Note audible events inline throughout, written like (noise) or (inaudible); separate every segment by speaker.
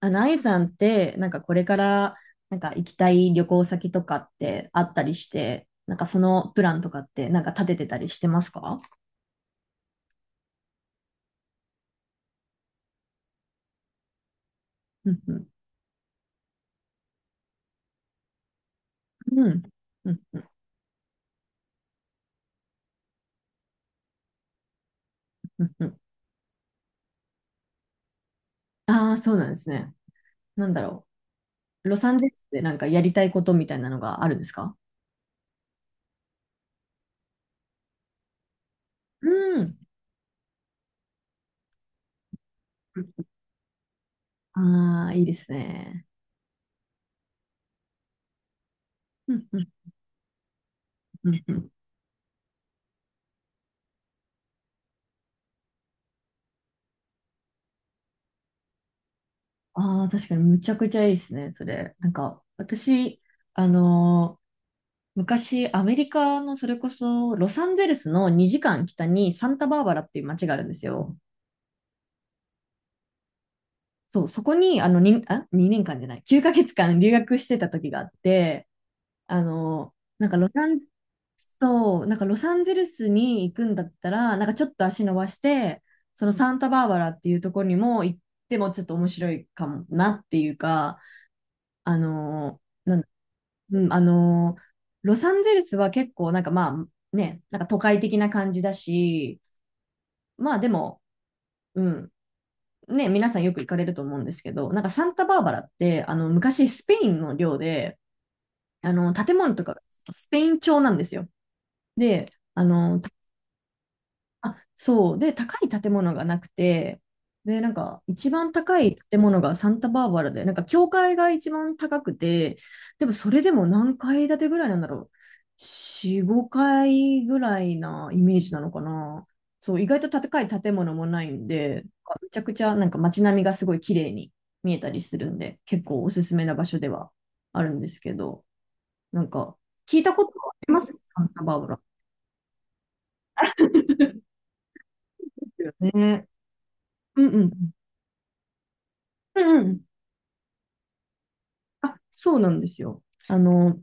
Speaker 1: あゆさんって、これから、行きたい旅行先とかってあったりして、なんかそのプランとかって、立ててたりしてますか？うんうん。うん。うん。うん。うんうん。ああー、そうなんですね。なんだろロサンゼルスでなんかやりたいことみたいなのがあるんですか？うん。ああ、いいですね。うんうん。うんうん。ああ、確かにむちゃくちゃいいですね、それ。なんか、私、あのー昔、アメリカのそれこそロサンゼルスの2時間北にサンタバーバラっていう街があるんですよ。そう、そこに2年間じゃない、9ヶ月間留学してた時があって、あの、なんかロサン、そう、なんかロサンゼルスに行くんだったら、なんかちょっと足伸ばして、そのサンタバーバラっていうところにも行ってもちょっと面白いかもなっていうか、あの、うん、あのーロサンゼルスは結構まあね、なんか都会的な感じだし、まあでも、うん、ね、皆さんよく行かれると思うんですけど、なんかサンタバーバラって、昔スペインの領で、建物とかスペイン調なんですよ。で、あの、あ、そう。で、高い建物がなくて、で、なんか、一番高い建物がサンタバーバラで、なんか、教会が一番高くて、でも、それでも何階建てぐらいなんだろう。4、5階ぐらいなイメージなのかな。そう、意外と高い建物もないんで、めちゃくちゃ、なんか、街並みがすごい綺麗に見えたりするんで、結構おすすめな場所ではあるんですけど、なんか、聞いたことはありますサンタバーバラ。(laughs) ね。うんうん。うんうん。あ、そうなんですよ。あの、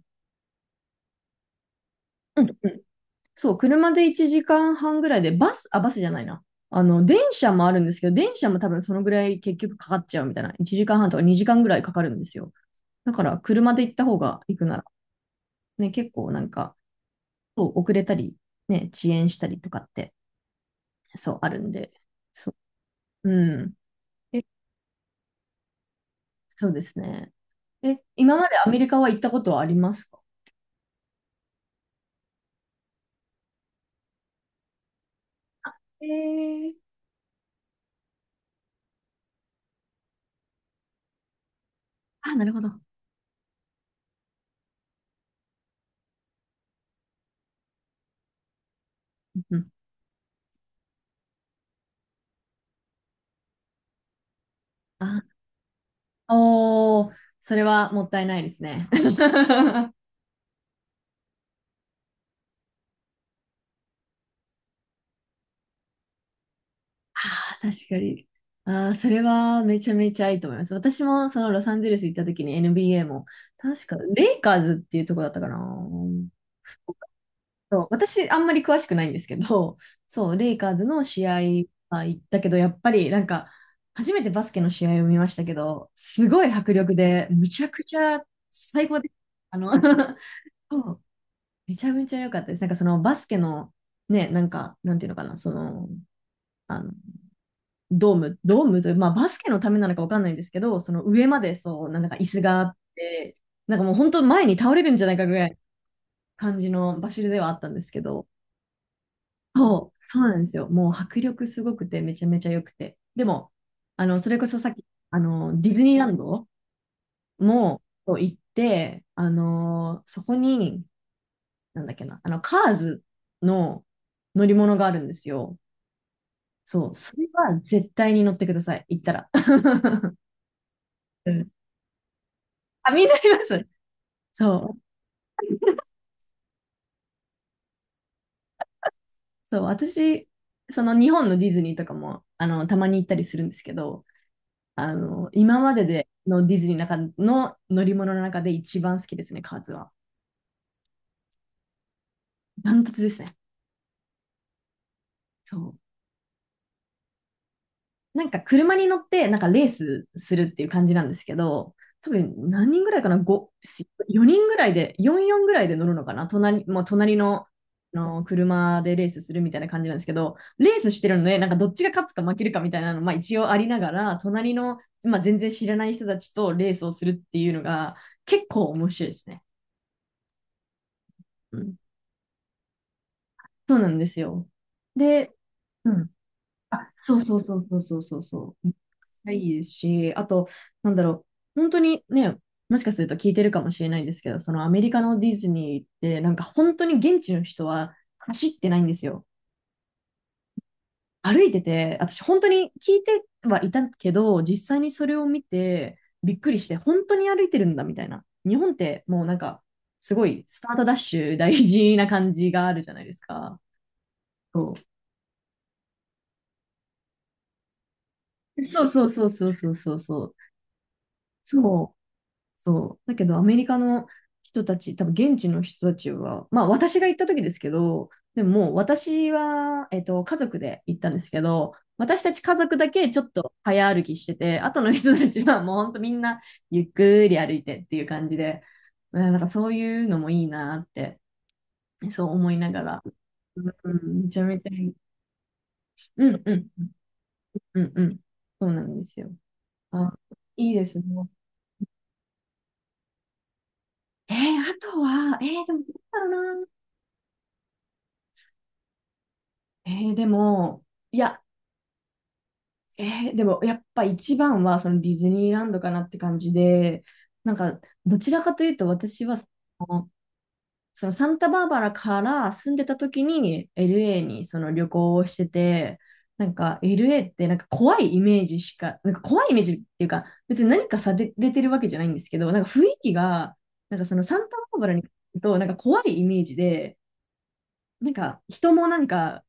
Speaker 1: うんうん。そう、車で1時間半ぐらいで、バスじゃないな。電車もあるんですけど、電車も多分そのぐらい結局かかっちゃうみたいな。1時間半とか2時間ぐらいかかるんですよ。だから、車で行った方が行くなら、ね、結構なんか、そう遅れたり、ね、遅延したりとかって、そう、あるんで。そう、うん。え、そうですね。え、今までアメリカは行ったことはありますか？えー、あ、なるほど。うんうん。あおー、それはもったいないですね。(laughs) ああ、確かに。ああ、それはめちゃめちゃいいと思います。私もそのロサンゼルス行った時に NBA も、確かレイカーズっていうとこだったかな。そう私、あんまり詳しくないんですけど、そう、レイカーズの試合は行ったけど、やっぱりなんか、初めてバスケの試合を見ましたけど、すごい迫力で、むちゃくちゃ最高で、あの、(laughs) そうめちゃめちゃ良かったです。なんかそのバスケの、ね、なんか、なんていうのかな、あの、ドームという、まあバスケのためなのかわかんないんですけど、その上までそう、なんか椅子があって、なんかもう本当前に倒れるんじゃないかぐらい感じの場所ではあったんですけど、そう、そうなんですよ。もう迫力すごくて、めちゃめちゃ良くて。でも、それこそさっき、ディズニーランドもそう行って、あの、そこに、なんだっけな、あの、カーズの乗り物があるんですよ。そう、それは絶対に乗ってください、行ったら。(laughs) うん。あ、みんなります。そう、そう、私、その日本のディズニーとかも、たまに行ったりするんですけど、今まででのディズニーの中の乗り物の中で一番好きですね、カーズは。ダントツですね。そう。なんか車に乗って、なんかレースするっていう感じなんですけど、多分何人ぐらいかな、5、4人ぐらいで、4、4ぐらいで乗るのかな、もう隣の、車でレースするみたいな感じなんですけど、レースしてるので、なんかどっちが勝つか負けるかみたいなの、まあ一応ありながら、まあ、全然知らない人たちとレースをするっていうのが結構面白いですね。うん、そうなんですよ。で、うん、あ、そうそうそうそうそうそうそう。いいですし、あと、なんだろ本当にね、もしかすると聞いてるかもしれないんですけど、そのアメリカのディズニーって、なんか本当に現地の人は走ってないんですよ。歩いてて、私本当に聞いてはいたけど、実際にそれを見てびっくりして、本当に歩いてるんだみたいな。日本ってもうなんか、すごいスタートダッシュ大事な感じがあるじゃないですか。そうそうそうそうそうそうそう。そうそう。だけど、アメリカの人たち、多分現地の人たちは、まあ私が行った時ですけど、でももう私は、家族で行ったんですけど、私たち家族だけちょっと早歩きしてて、後の人たちはもうほんとみんなゆっくり歩いてっていう感じで、うんなんかそういうのもいいなって、そう思いながら。うん、めちゃめちゃいい。うんうんうんうん。そうなんですよ。あ、いいですね。えーあとは、えーでもどうだろうな。えー、でも、いや、えー、でもやっぱ一番はそのディズニーランドかなって感じで、なんかどちらかというと私はの、そのサンタバーバラから住んでた時に LA にその旅行をしてて、なんか LA ってなんか怖いイメージしか、なんか怖いイメージっていうか、別に何かされてるわけじゃないんですけど、なんか雰囲気が、なんかそのサンタバーバラに行くとなんか怖いイメージで、なんか人もなんか、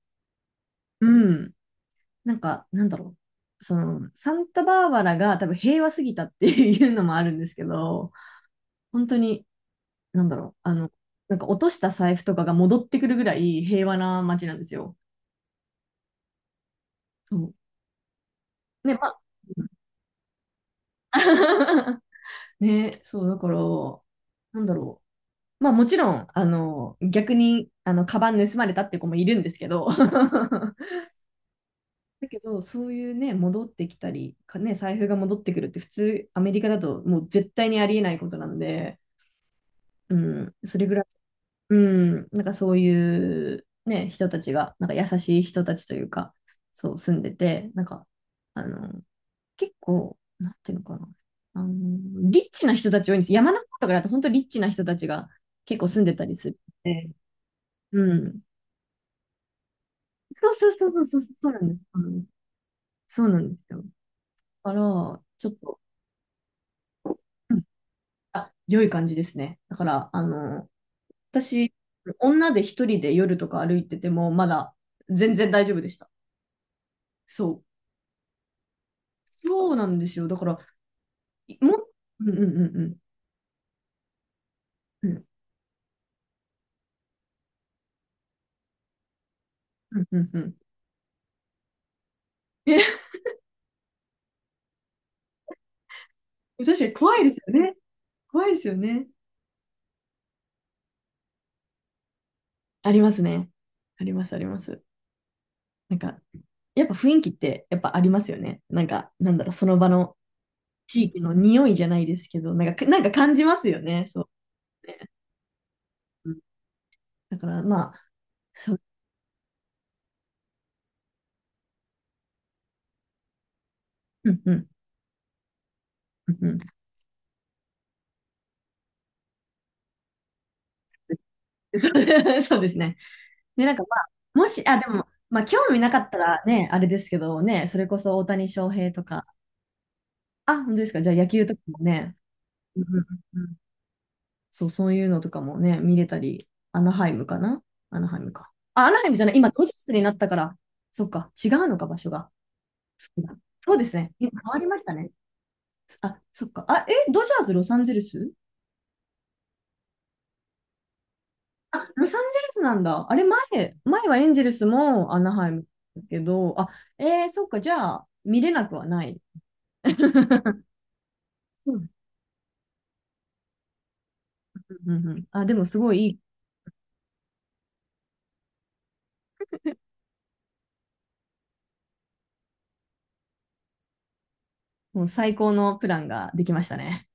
Speaker 1: うん、なんだろう。その、サンタバーバラが多分平和すぎたっていうのもあるんですけど、本当に、なんだろう。なんか落とした財布とかが戻ってくるぐらい平和な街なんですよ。そう。ね、まあ、うん。 (laughs) ね、そう、だから、なんだろう。まあもちろん、逆に、カバン盗まれたって子もいるんですけど、(laughs) だけど、そういうね、戻ってきたり、かね、財布が戻ってくるって普通、アメリカだともう絶対にありえないことなんで、うん、それぐらい、うん、なんかそういうね、人たちが、なんか優しい人たちというか、そう住んでて、あの、結構、なんていうのかな、あの、リッチな人たち多いんです。山の方とかだと本当リッチな人たちが結構住んでたりするので。うん。そうそうそうそうそう、そうなんです。うんそうなんですよ。だから、ちょっと、うんあ、良い感じですね。だから、私、女で一人で夜とか歩いてても、まだ全然大丈夫でした。そう。そうなんですよ。だから、いもっ、うんうんうんうん。うんうんうんうん。え、(laughs) 確かに怖いですよね。怖いですよね。ありますね。ありますあります。なんか、やっぱ雰囲気ってやっぱありますよね。なんか、なんだろう、その場の地域の匂いじゃないですけど、なんか、なんか感じますよね。そうね。うん、だから、まあ、そう、うんうん、うんうん。そう (laughs) そうですね。で、なんかまあ、もし、あ、でも、まあ、興味なかったらね、あれですけどね、それこそ大谷翔平とか、あ、本当ですか。じゃあ野球とかもね、うんうんうんうんそう、そういうのとかもね、見れたり、アナハイムかなアナハイムか。あ、アナハイムじゃない、今、ドジャースになったから、そっか、違うのか、場所が。そうだそうですね、今変わりましたね。あ、そっか。あ、え、ドジャース、ロサンゼルスあ、ロサンゼルスなんだ。あれ、前はエンゼルスもアナハイムだけど、あ、えー、そっか、じゃあ、見れなくはない。(laughs) うんうんうんうんあ、でも、すごいいい、もう最高のプランができましたね。